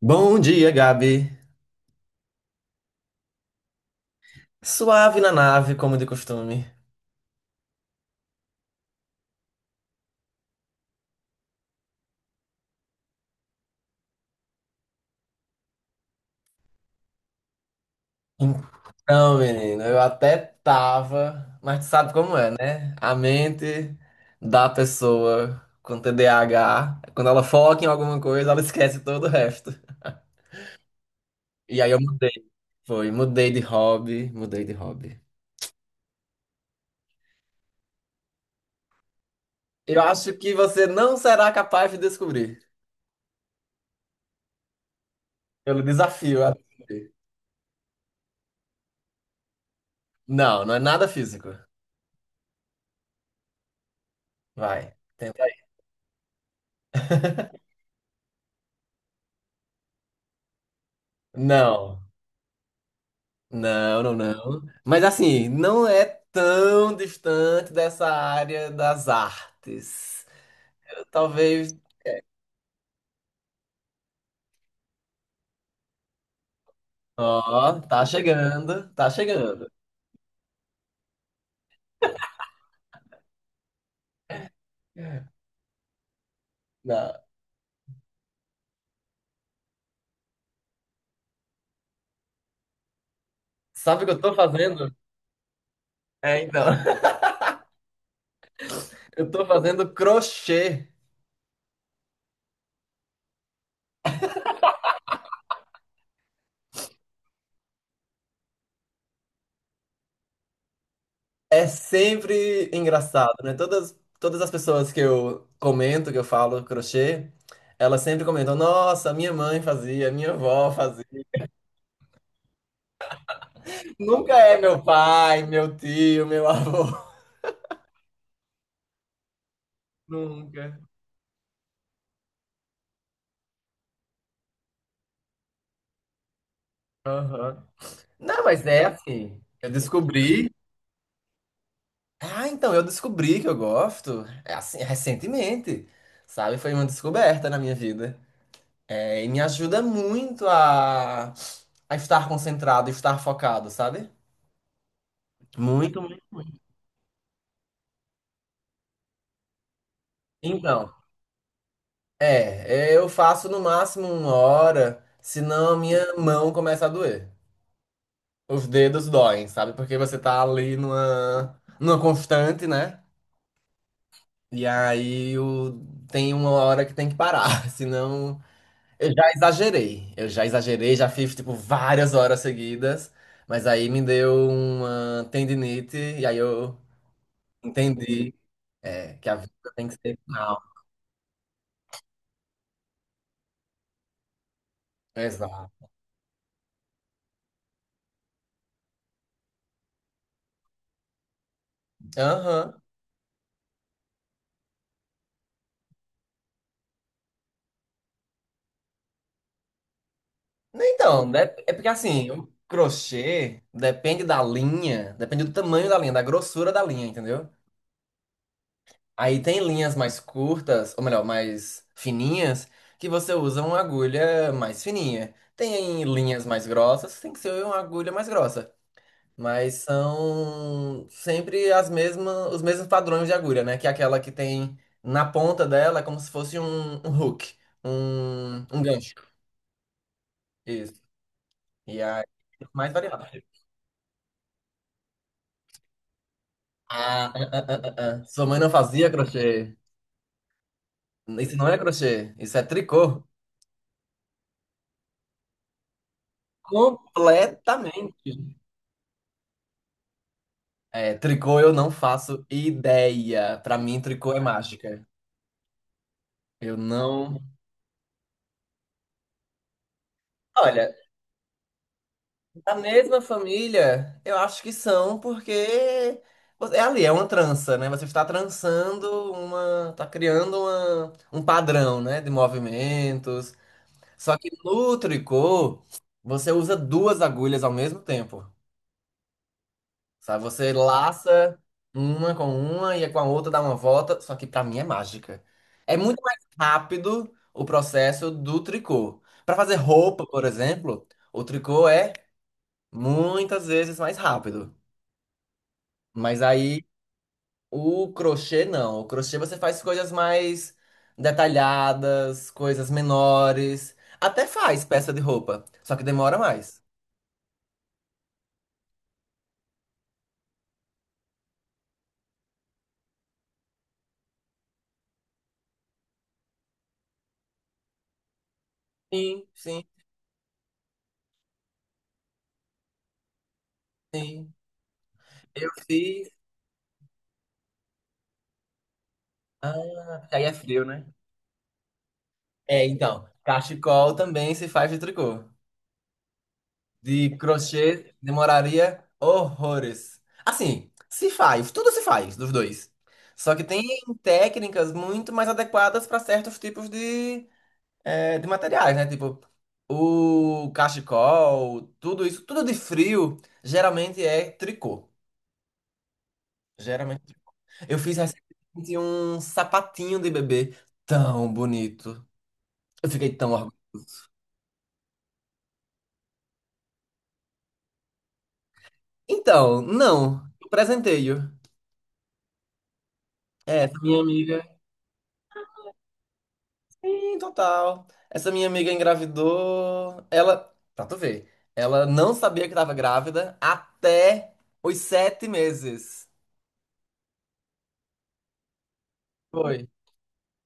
Bom dia, Gabi. Suave na nave, como de costume. Então, menino, eu até tava, mas tu sabe como é, né? A mente da pessoa com TDAH, quando ela foca em alguma coisa, ela esquece todo o resto. E aí eu mudei, foi, mudei de hobby, mudei de hobby. Eu acho que você não será capaz de descobrir. Pelo desafio a descobrir. Não, não é nada físico. Vai, tenta aí. Não. Não, não, não. Mas assim, não é tão distante dessa área das artes. Eu, talvez. Ó, tá chegando, tá chegando. Não. Sabe o que eu tô fazendo? É, então. Eu tô fazendo crochê. É sempre engraçado, né? Todas as pessoas que eu comento, que eu falo crochê, elas sempre comentam: Nossa, minha mãe fazia, minha avó fazia. Nunca é meu pai, meu tio, meu avô. Nunca. Aham. Não, mas é assim. Eu descobri. Ah, então, eu descobri que eu gosto. É assim, recentemente. Sabe? Foi uma descoberta na minha vida. É, e me ajuda muito a estar concentrado, estar focado, sabe? Muito, muito, muito. Então, é, eu faço no máximo uma hora, senão a minha mão começa a doer. Os dedos doem, sabe? Porque você tá ali numa constante, né? E aí tem uma hora que tem que parar, senão eu já exagerei. Eu já exagerei, já fiz tipo várias horas seguidas, mas aí me deu uma tendinite e aí eu entendi é, que a vida tem que ser final. Exato. Aham. Então, é porque assim, o crochê depende da linha, depende do tamanho da linha, da grossura da linha, entendeu? Aí tem linhas mais curtas, ou melhor, mais fininhas, que você usa uma agulha mais fininha. Tem linhas mais grossas, tem que ser uma agulha mais grossa. Mas são sempre as mesmas, os mesmos padrões de agulha, né? Que é aquela que tem na ponta dela, é como se fosse um, um hook, um gancho. Isso. E aí, mais variado. Ah, ah, ah, ah, ah, ah. Sua mãe não fazia crochê. Isso não é crochê, isso é tricô. Completamente. É, tricô eu não faço ideia. Pra mim, tricô é mágica. Eu não. Olha, da mesma família, eu acho que são, porque você- é ali, é uma trança, né? Você está trançando uma. Está criando uma, um padrão, né? De movimentos. Só que no tricô, você usa duas agulhas ao mesmo tempo. Sabe? Você laça uma com uma e com a outra dá uma volta, só que pra mim é mágica. É muito mais rápido o processo do tricô. Pra fazer roupa, por exemplo, o tricô é muitas vezes mais rápido. Mas aí o crochê não. O crochê você faz coisas mais detalhadas, coisas menores. Até faz peça de roupa, só que demora mais. Sim, sim, sim. Eu fiz. Ah, porque aí é frio, né? É, então, cachecol também se faz de tricô. De crochê demoraria horrores. Assim, se faz, tudo se faz dos dois. Só que tem técnicas muito mais adequadas para certos tipos de, é, de materiais, né? Tipo, o cachecol, tudo isso, tudo de frio, geralmente é tricô. Geralmente. Eu fiz recentemente um sapatinho de bebê tão bonito. Eu fiquei tão orgulhoso. Então, não, o presenteio. É, essa minha amiga. Sim, total. Essa minha amiga engravidou. Ela, pra tu ver, ela não sabia que tava grávida até os 7 meses. Foi.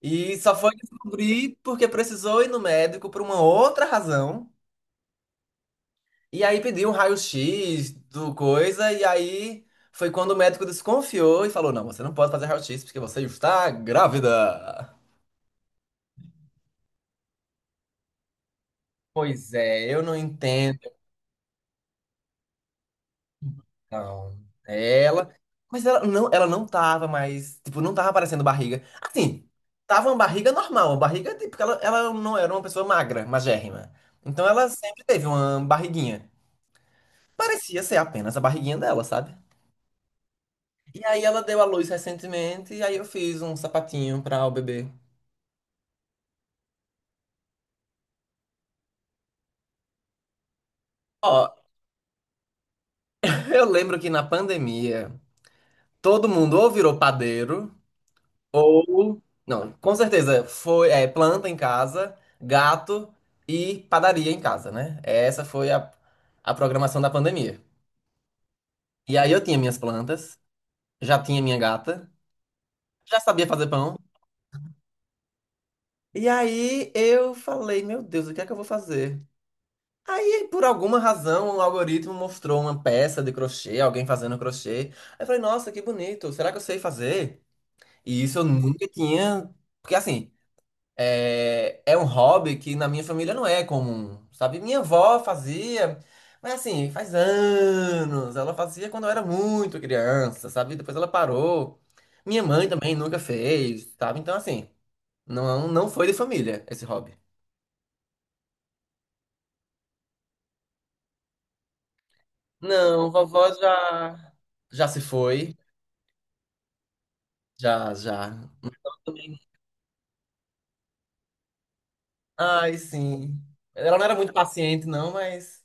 E só foi descobrir porque precisou ir no médico por uma outra razão. E aí pediu um raio-x do coisa. E aí foi quando o médico desconfiou e falou: Não, você não pode fazer raio-x porque você está grávida. Pois é, eu não entendo. Não. Ela. Mas ela não tava mais. Tipo, não tava aparecendo barriga. Assim, tava uma barriga normal. Uma barriga, tipo, que ela não era uma pessoa magra, magérrima. Então ela sempre teve uma barriguinha. Parecia ser apenas a barriguinha dela, sabe? E aí ela deu à luz recentemente. E aí eu fiz um sapatinho pra o bebê. Ó, eu lembro que na pandemia todo mundo ou virou padeiro. Ou, não, com certeza, foi, é, planta em casa, gato e padaria em casa, né? Essa foi a programação da pandemia. E aí eu tinha minhas plantas, já tinha minha gata, já sabia fazer pão. E aí eu falei, meu Deus, o que é que eu vou fazer? Aí, por alguma razão, o algoritmo mostrou uma peça de crochê, alguém fazendo crochê. Aí eu falei, nossa, que bonito, será que eu sei fazer? E isso eu nunca tinha. Porque assim. É, é um hobby que na minha família não é comum, sabe? Minha avó fazia, mas assim, faz anos. Ela fazia quando eu era muito criança, sabe? Depois ela parou. Minha mãe também nunca fez, sabe? Então, assim, não, não foi de família esse hobby. Não, vovó já, já se foi. Já, já. Também. Ai, sim. Ela não era muito paciente, não, mas.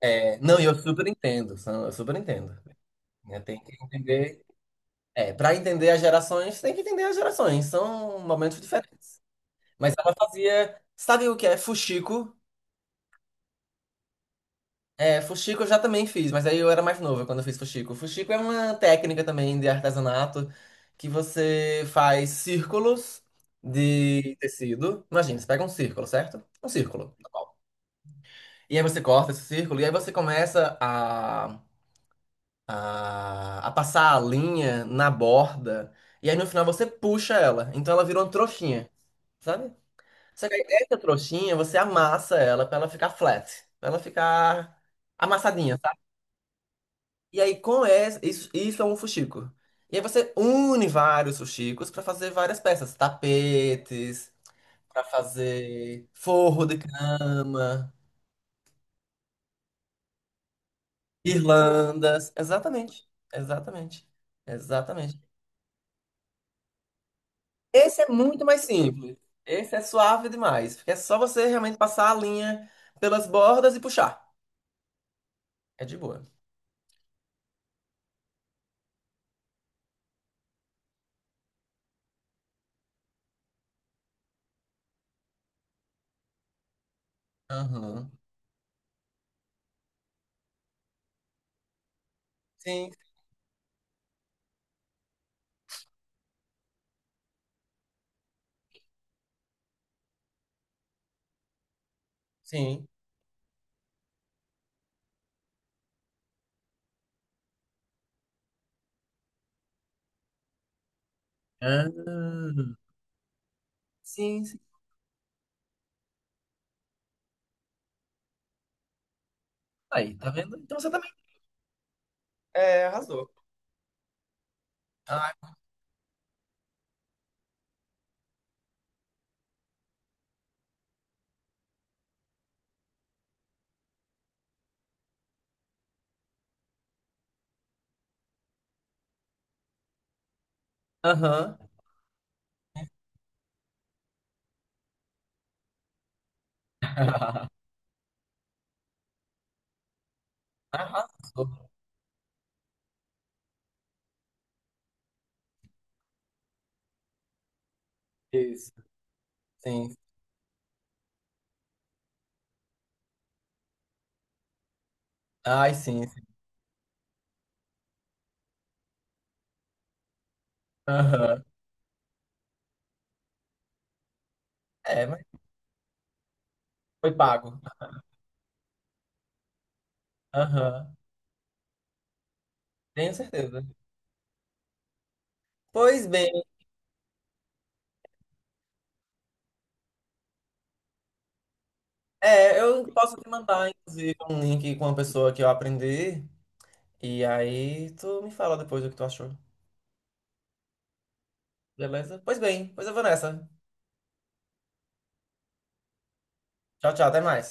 É, não, e eu super entendo, eu super entendo, né? Tem que entender. É, para entender as gerações, tem que entender as gerações, são momentos diferentes. Mas ela fazia, sabe o que é fuxico? É, fuxico eu já também fiz, mas aí eu era mais nova quando eu fiz fuxico. Fuxico é uma técnica também de artesanato que você faz círculos de tecido. Imagina, você pega um círculo, certo? Um círculo. E aí você corta esse círculo e aí você começa a passar a linha na borda e aí no final você puxa ela. Então ela virou uma trouxinha. Sabe? Você que aí essa trouxinha, você amassa ela pra ela ficar flat, pra ela ficar amassadinha, tá? E aí com essa, isso é um fuxico. E aí você une vários fuxicos pra fazer várias peças, tapetes, pra fazer forro de cama, guirlandas, exatamente, exatamente, exatamente. Esse é muito mais simples. Esse é suave demais, porque é só você realmente passar a linha pelas bordas e puxar. É de boa. Aham. Sim, sim. Ah, sim, sim. Aí, tá vendo? Então você também. É, arrasou. Ah, aham. Arrasou. Isso. Sim. Ai, sim, sim. Aham. É, mas foi pago. Aham. Tenho certeza. Pois bem, é, eu posso te mandar, inclusive, um link com uma pessoa que eu aprendi. E aí tu me fala depois o que tu achou, beleza? Pois bem, pois eu vou nessa. Tchau, tchau, até mais.